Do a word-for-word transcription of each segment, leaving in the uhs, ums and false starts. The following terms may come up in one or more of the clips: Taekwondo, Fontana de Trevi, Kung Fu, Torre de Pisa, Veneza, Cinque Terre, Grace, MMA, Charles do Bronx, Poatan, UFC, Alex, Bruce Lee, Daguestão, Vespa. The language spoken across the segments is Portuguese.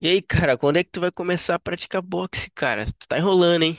E aí, cara, quando é que tu vai começar a praticar boxe, cara? Tu tá enrolando, hein?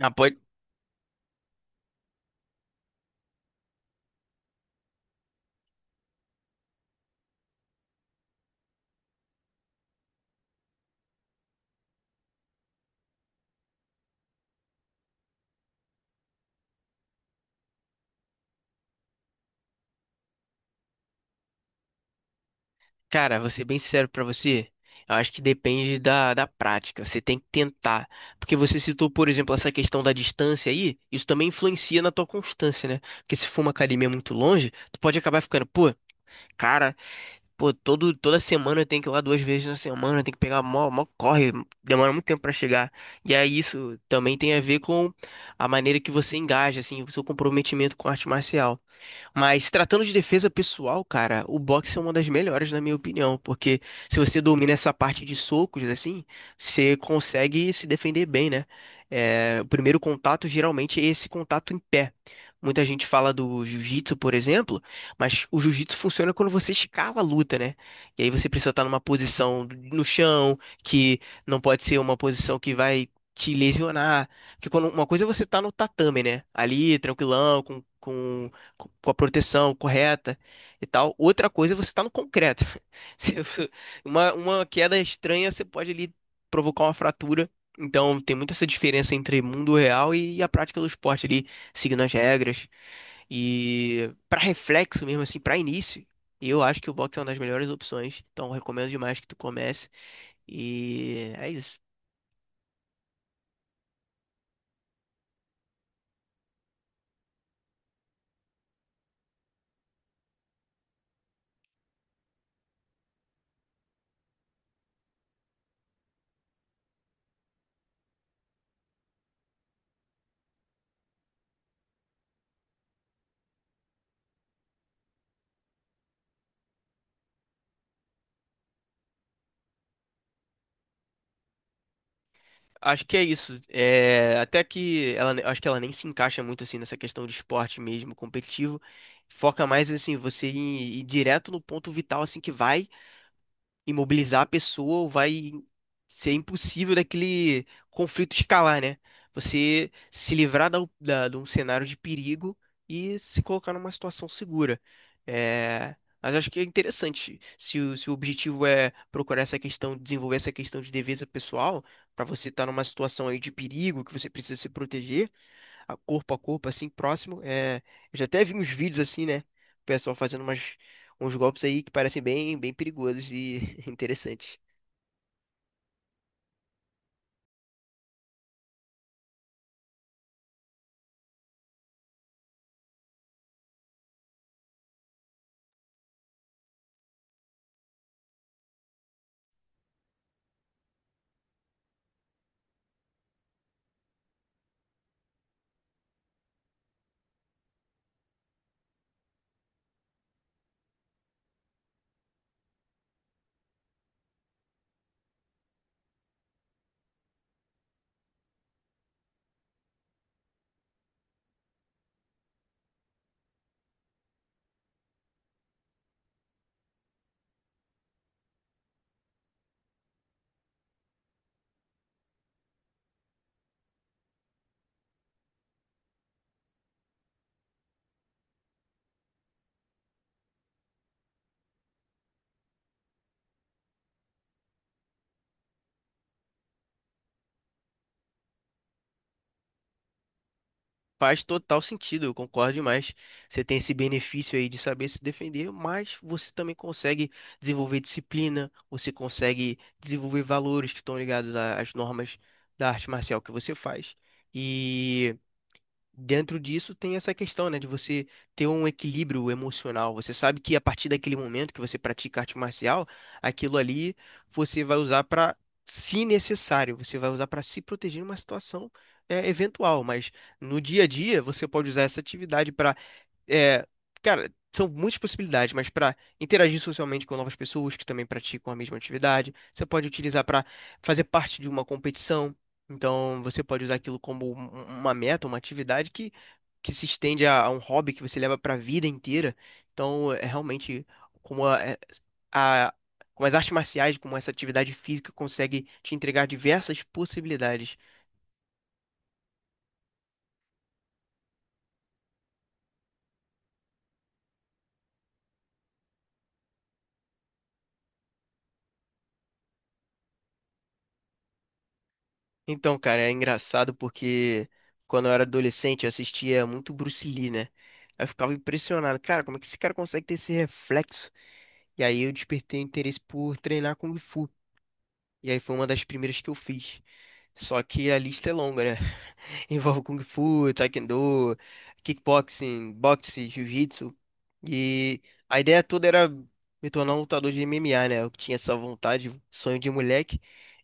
Ah, pode... Cara, vou ser bem sincero pra você. Eu acho que depende da, da prática. Você tem que tentar. Porque você citou, por exemplo, essa questão da distância aí. Isso também influencia na tua constância, né? Porque se for uma academia muito longe, tu pode acabar ficando, pô, cara, pô, todo, toda semana eu tenho que ir lá duas vezes na semana, eu tenho que pegar mó, mó corre, demora muito tempo pra chegar. E aí isso também tem a ver com a maneira que você engaja, assim, o seu comprometimento com a arte marcial. Mas tratando de defesa pessoal, cara, o boxe é uma das melhores, na minha opinião, porque se você domina essa parte de socos, assim, você consegue se defender bem, né? É, o primeiro contato geralmente é esse contato em pé. Muita gente fala do jiu-jitsu, por exemplo, mas o jiu-jitsu funciona quando você escala a luta, né? E aí você precisa estar numa posição no chão, que não pode ser uma posição que vai te lesionar. Porque quando uma coisa é você estar no tatame, né? Ali, tranquilão, com, com co- com a proteção correta e tal. Outra coisa é você estar no concreto. Se- se- Uma, uma queda estranha, você pode ali provocar uma fratura. Então, tem muita essa diferença entre mundo real e a prática do esporte ali, seguindo as regras. E para reflexo mesmo, assim, para início, eu acho que o boxe é uma das melhores opções. Então, recomendo demais que tu comece. E é isso. Acho que é isso. É, até que ela, acho que ela nem se encaixa muito assim nessa questão de esporte mesmo competitivo. Foca mais assim, você ir, ir direto no ponto vital assim que vai imobilizar a pessoa ou vai ser impossível daquele conflito escalar, né? Você se livrar da, da- de um cenário de perigo e se colocar numa situação segura. É, mas acho que é interessante. Se o, se o objetivo é procurar essa questão, desenvolver essa questão de defesa pessoal, para você estar numa situação aí de perigo que você precisa se proteger a corpo a corpo, assim, próximo. É, eu já até vi uns vídeos assim, né? O pessoal fazendo umas, uns golpes aí que parecem bem, bem perigosos e interessantes. Faz total sentido, eu concordo demais. Você tem esse benefício aí de saber se defender, mas você também consegue desenvolver disciplina, você consegue desenvolver valores que estão ligados a- às normas da arte marcial que você faz. E dentro disso tem essa questão, né, de você ter um equilíbrio emocional. Você sabe que a partir daquele momento que você pratica arte marcial, aquilo ali você vai usar para, se necessário, você vai usar para se proteger em uma situação é, eventual. Mas no dia a dia você pode usar essa atividade para é, cara, são muitas possibilidades, mas para interagir socialmente com novas pessoas que também praticam a mesma atividade, você pode utilizar para fazer parte de uma competição. Então, você pode usar aquilo como um- um, uma meta, uma atividade que, que se estende a, a um hobby que você leva para a vida inteira. Então, é realmente como a, é- a- como as artes marciais, como essa atividade física consegue te entregar diversas possibilidades. Então, cara, é engraçado porque quando eu era adolescente eu assistia muito Bruce Lee, né? Aí eu ficava impressionado, cara, como é que esse cara consegue ter esse reflexo? E aí eu despertei o interesse por treinar Kung Fu. E aí foi uma das primeiras que eu fiz. Só que a lista é longa, né? Envolve Kung Fu, Taekwondo, kickboxing, boxe, jiu-jitsu. E a ideia toda era me tornar um lutador de M M A, né? Eu tinha essa vontade, sonho de moleque.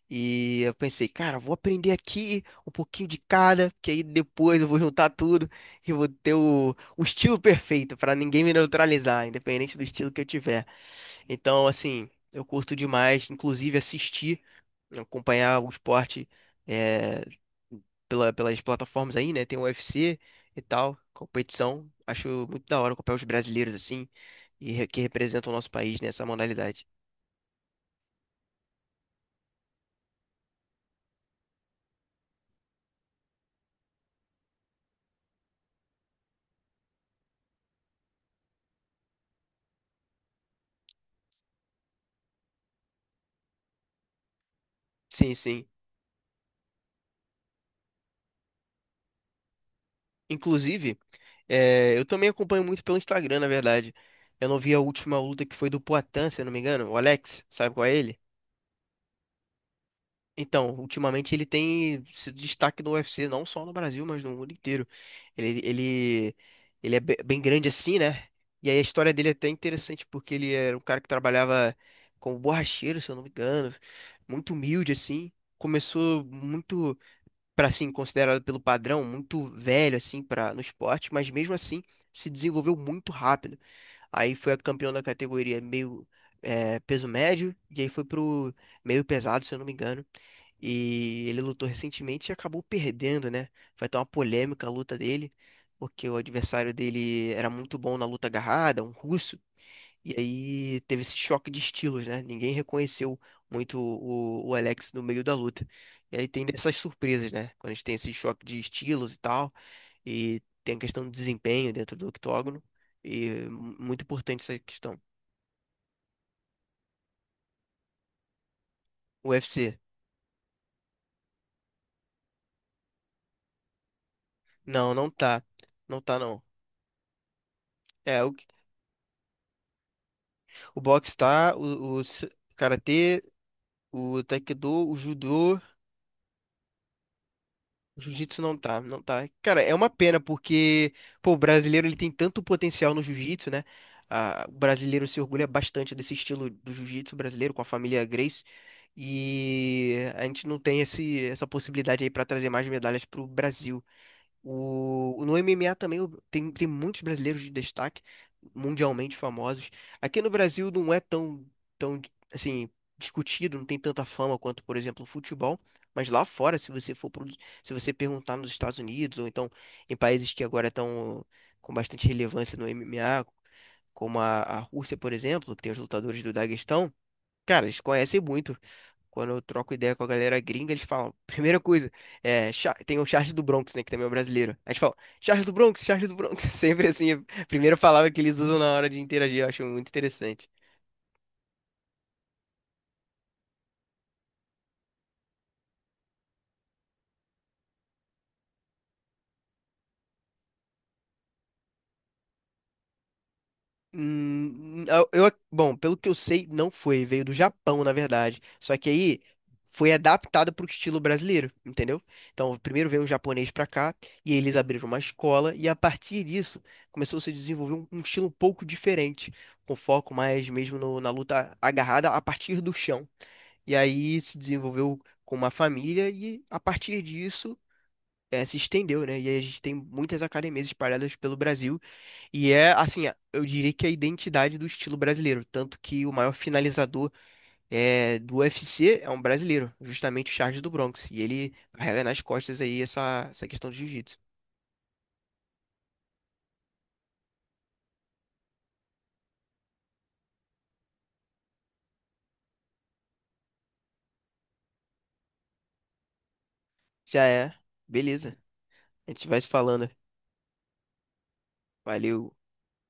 E eu pensei, cara, vou aprender aqui um pouquinho de cada, que aí depois eu vou juntar tudo e vou ter o, o estilo perfeito pra ninguém me neutralizar, independente do estilo que eu tiver. Então, assim, eu curto demais, inclusive assistir, acompanhar o esporte. eh, pela, pelas plataformas aí, né? Tem o U F C e tal, competição. Acho muito da hora acompanhar os brasileiros assim e re- que representam o nosso país nessa modalidade. Sim, sim. Inclusive, eh, eu também acompanho muito pelo Instagram, na verdade. Eu não vi a última luta que foi do Poatan, se eu não me engano. O Alex, sabe qual é ele? Então, ultimamente ele tem sido destaque no U F C, não só no Brasil, mas no mundo inteiro. Ele, ele, ele é be- bem grande assim, né? E aí a história dele é até interessante, porque ele era um cara que trabalhava como borracheiro, se eu não me engano, muito humilde assim. Começou muito para assim considerado pelo padrão muito velho assim para no esporte, mas mesmo assim se desenvolveu muito rápido. Aí foi a campeão da categoria meio eh, peso médio e aí foi pro meio pesado, se eu não me engano. E ele lutou recentemente e acabou perdendo, né? Vai ter uma polêmica a luta dele, porque o adversário dele era muito bom na luta agarrada, um russo. E aí teve esse choque de estilos, né? Ninguém reconheceu muito o, o Alex no meio da luta. E aí tem dessas surpresas, né? Quando a gente tem esse choque de estilos e tal, e tem a questão do desempenho dentro do octógono, e mu- muito importante essa questão. O U F C, não, não tá. Não tá, não. É, o, o boxe tá, o, o s- karatê, o taekwondo, o judô. Jiu-jitsu não tá, não tá. Cara, é uma pena porque, pô, o brasileiro ele tem tanto potencial no jiu-jitsu, né? Ah, o brasileiro se orgulha bastante desse estilo do jiu-jitsu brasileiro com a família Grace e a gente não tem esse, essa possibilidade aí pra trazer mais medalhas pro Brasil. O, no M M A também o- tem, tem muitos brasileiros de destaque, mundialmente famosos. Aqui no Brasil não é tão, tão, assim, discutido, não tem tanta fama quanto, por exemplo, o futebol. Mas lá fora, se você for, pro- se você perguntar nos Estados Unidos, ou então em países que agora estão com bastante relevância no M M A, como a, a Rússia, por exemplo, que tem os lutadores do Daguestão. Cara, eles conhecem muito. Quando eu troco ideia com a galera gringa, eles falam, primeira coisa, é, Cha- tem o Charles do Bronx, né, que também é um brasileiro. A gente fala, Charles do Bronx, Charles do Bronx, sempre assim, é a primeira palavra que eles usam na hora de interagir, eu acho muito interessante. Hum, eu, eu bom, pelo que eu sei, não foi. Veio do Japão, na verdade. Só que aí foi adaptada para o estilo brasileiro, entendeu? Então, primeiro veio um japonês para cá e eles abriram uma escola e a partir disso começou a se desenvolver um, um estilo um pouco diferente, com foco mais mesmo no- na luta agarrada a partir do chão. E aí se desenvolveu com uma família e a partir disso eh, se estendeu, né? E aí a gente tem muitas academias espalhadas pelo Brasil e é, assim, eu diria que é a identidade do estilo brasileiro. Tanto que o maior finalizador é, do U F C é um brasileiro, justamente o Charles do Bronx. E ele carrega nas costas aí essa, essa questão de jiu-jitsu. Já é. Beleza. A gente vai se falando. Valeu.